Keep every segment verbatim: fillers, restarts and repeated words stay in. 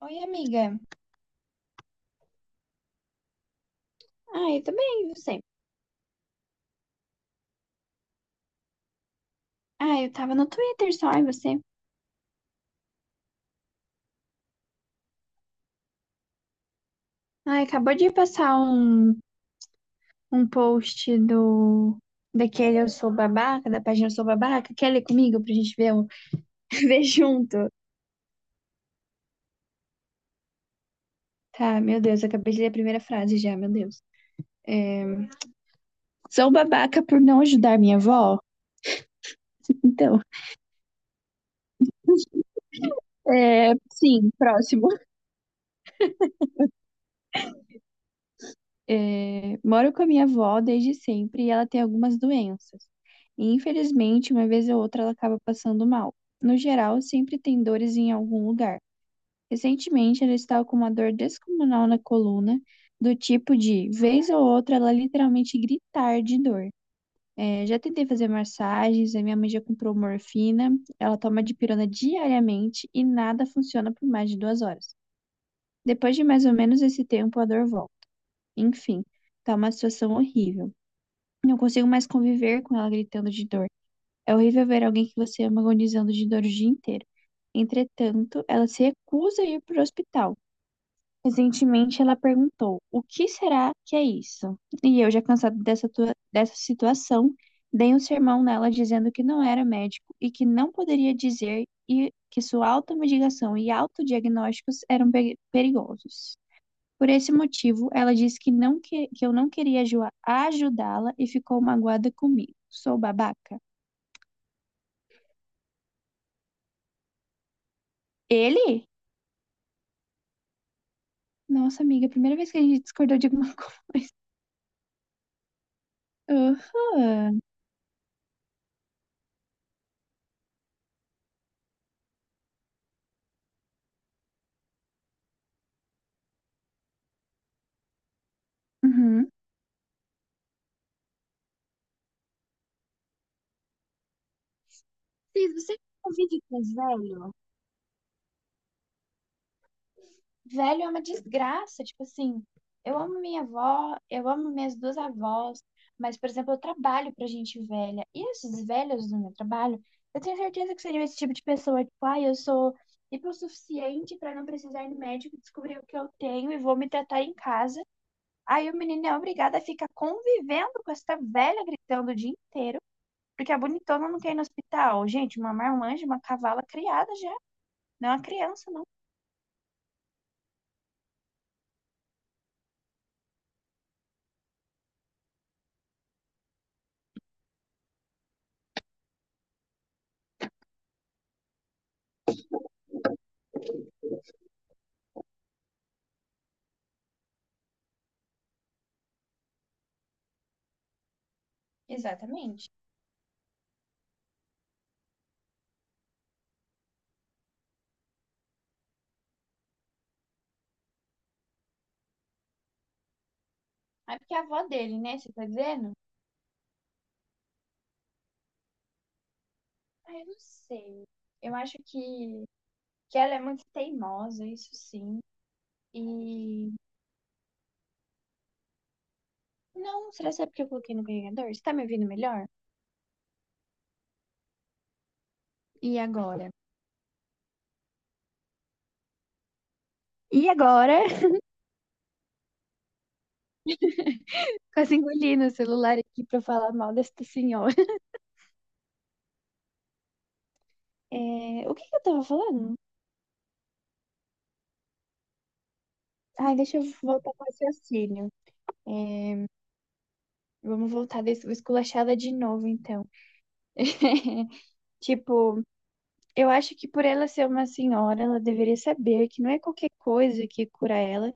Oi, amiga. Ah, eu também, e você? Ah, eu tava no Twitter só, e você? Ah, acabou de passar um, um post do daquele Eu Sou Babaca, da página Eu Sou Babaca. Quer ler comigo pra gente ver, um- ver junto? Tá, meu Deus, eu acabei de ler a primeira frase já, meu Deus. É, sou babaca por não ajudar minha avó? Então, é, sim, próximo. É, moro com a minha avó desde sempre e ela tem algumas doenças. E infelizmente, uma vez ou outra, ela acaba passando mal. No geral, sempre tem dores em algum lugar. Recentemente, ela estava com uma dor descomunal na coluna, do tipo de, vez ou outra, ela literalmente gritar de dor. É, já tentei fazer massagens, a minha mãe já comprou morfina, ela toma dipirona diariamente e nada funciona por mais de duas horas. Depois de mais ou menos esse tempo, a dor volta. Enfim, tá uma situação horrível. Não consigo mais conviver com ela gritando de dor. É horrível ver alguém que você ama agonizando de dor o dia inteiro. Entretanto, ela se recusa a ir para o hospital. Recentemente, ela perguntou: o que será que é isso? E eu, já cansado dessa, tua- dessa situação, dei um sermão nela dizendo que não era médico e que não poderia dizer e que sua automedicação e autodiagnósticos eram pe- perigosos. Por esse motivo, ela disse que, não que, que eu não queria aju- ajudá-la e ficou magoada comigo. Sou babaca. Ele? Nossa, amiga, primeira vez que a gente discordou de alguma coisa. Aham. Uhum. Cris, você convive com os velhos? Velho é uma desgraça. Tipo assim, eu amo minha avó, eu amo minhas duas avós, mas, por exemplo, eu trabalho pra gente velha. E esses velhos do meu trabalho, eu tenho certeza que seriam esse tipo de pessoa, tipo, ai, eu sou hipossuficiente pra não precisar ir no médico, descobrir o que eu tenho e vou me tratar em casa. Aí o menino é obrigado a ficar convivendo com essa velha gritando o dia inteiro, porque a bonitona não quer ir no hospital. Gente, uma marmanja, uma cavala criada já, não é uma criança, não. Exatamente. Ah, é porque é a avó dele, né? Você tá dizendo? Ah, eu não sei. Eu acho que, que ela é muito teimosa, isso sim. E. Não, será que é porque eu coloquei no carregador? Você tá me ouvindo melhor? E agora? E agora? Quase engoli no celular aqui pra falar mal desta senhora. É, o que que eu tava falando? Ai, deixa eu voltar pro raciocínio. Vamos voltar desse, vou esculachar ela de novo, então. Tipo, eu acho que por ela ser uma senhora, ela deveria saber que não é qualquer coisa que cura ela.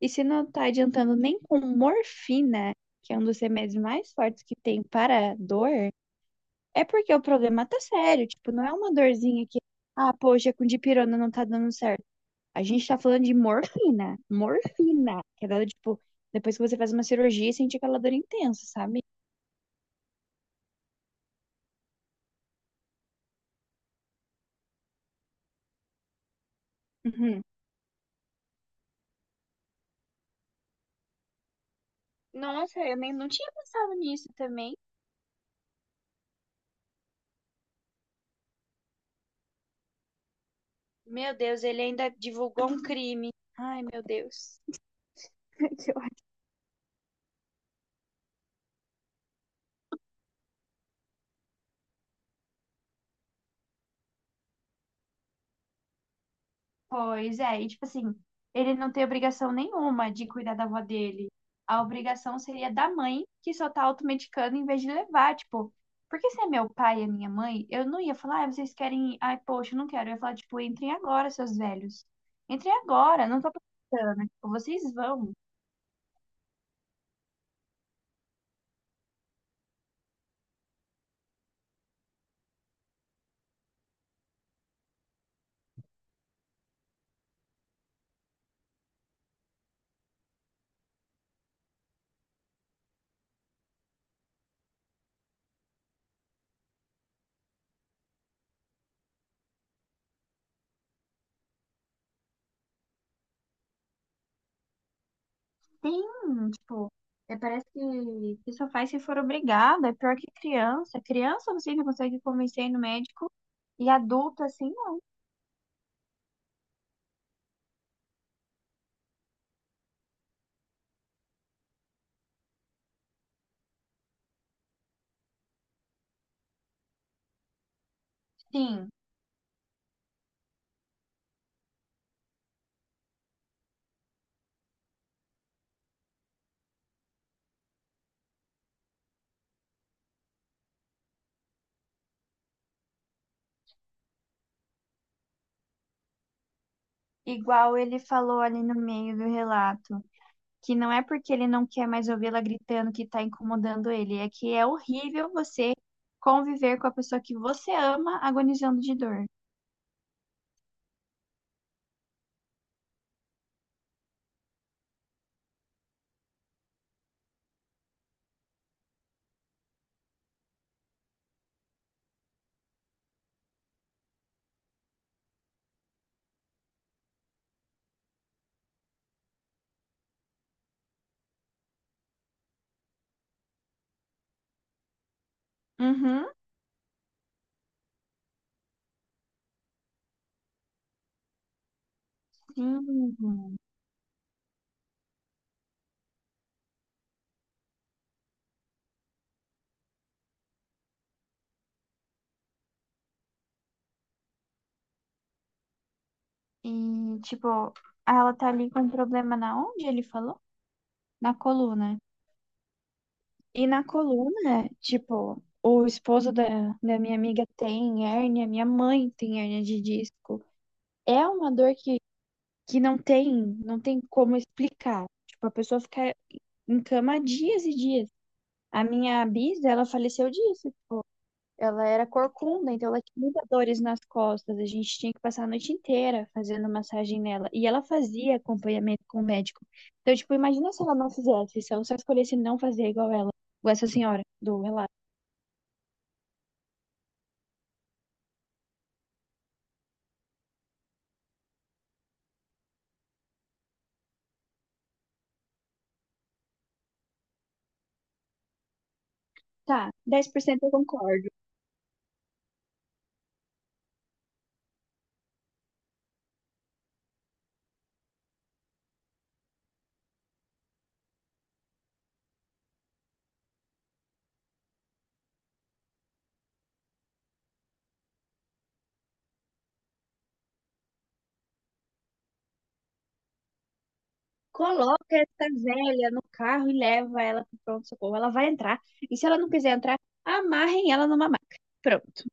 E se não tá adiantando nem com morfina, que é um dos remédios mais fortes que tem para dor, é porque o problema tá sério. Tipo, não é uma dorzinha que, ah, poxa, com dipirona não tá dando certo. A gente tá falando de morfina. Morfina. Que é dada, tipo, depois que você faz uma cirurgia, sente aquela dor intensa, sabe? Uhum. Nossa, eu nem não tinha pensado nisso também. Meu Deus, ele ainda divulgou um crime. Ai, meu Deus. Que ódio. Pois é, e tipo assim, ele não tem obrigação nenhuma de cuidar da avó dele. A obrigação seria da mãe, que só tá automedicando em vez de levar, tipo, porque se é meu pai e a minha mãe, eu não ia falar, ah, vocês querem, ir? Ai, poxa, eu não quero. Eu ia falar, tipo, entrem agora, seus velhos. Entrem agora, não tô precisando, né? Tipo, vocês vão. Sim, tipo, é, parece que, que só faz se for obrigado. É pior que criança. Criança você ainda consegue convencer a ir no médico e adulto assim não. Sim, igual ele falou ali no meio do relato, que não é porque ele não quer mais ouvi-la gritando que tá incomodando ele, é que é horrível você conviver com a pessoa que você ama agonizando de dor. Uhum, sim. E, tipo, ela tá ali com um problema na onde ele falou? Na coluna. E na coluna, tipo, o esposo da, da minha amiga tem hérnia, minha mãe tem hérnia de disco. É uma dor que, que não tem, não tem como explicar. Tipo, a pessoa fica em cama dias e dias. A minha bisa, ela faleceu disso. Ela era corcunda, então ela tinha muitas dores nas costas. A gente tinha que passar a noite inteira fazendo massagem nela. E ela fazia acompanhamento com o médico. Então, tipo, imagina se ela não fizesse, se ela só escolhesse não fazer igual ela, igual essa senhora do relato. Tá, dez por cento eu concordo. Coloca essa velha no carro e leva ela pro pronto-socorro. Ela vai entrar. E se ela não quiser entrar, amarrem ela numa maca. Pronto.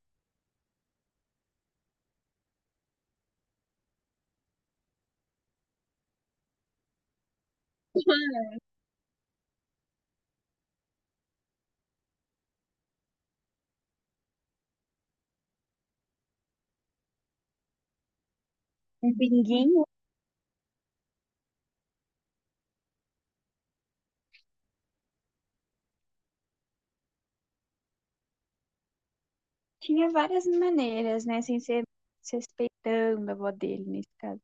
Um binguinho. Tinha várias maneiras, né? Sem ser se respeitando a avó dele, nesse caso.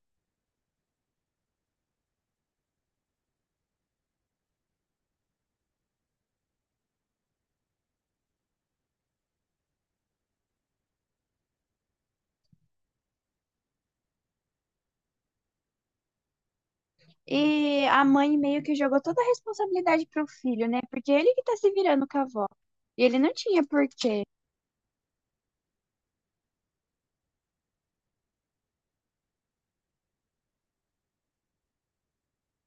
E a mãe meio que jogou toda a responsabilidade pro filho, né? Porque ele que tá se virando com a avó. E ele não tinha porquê.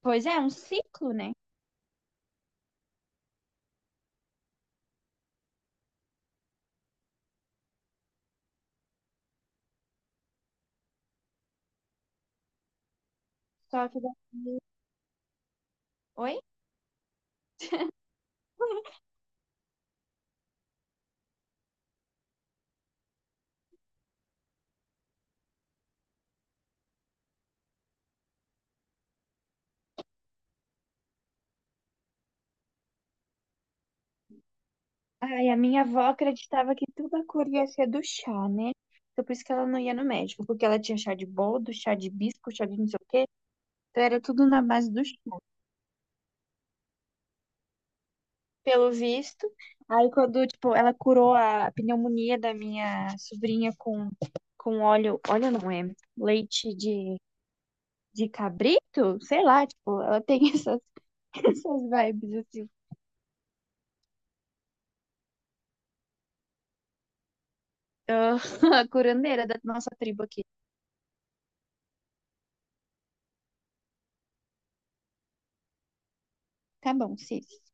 Pois é, um ciclo, né? Só que. Oi? Ai, a minha avó acreditava que tudo a cor ia ser do chá, né? Então por isso que ela não ia no médico, porque ela tinha chá de boldo, chá de hibisco, chá de não sei o quê. Então era tudo na base do chá, pelo visto. Aí quando, tipo, ela curou a pneumonia da minha sobrinha com, com óleo, óleo não é, leite de, de cabrito? Sei lá, tipo, ela tem essas, essas vibes, assim. Ah, a curandeira da nossa tribo aqui. Tá bom, sim.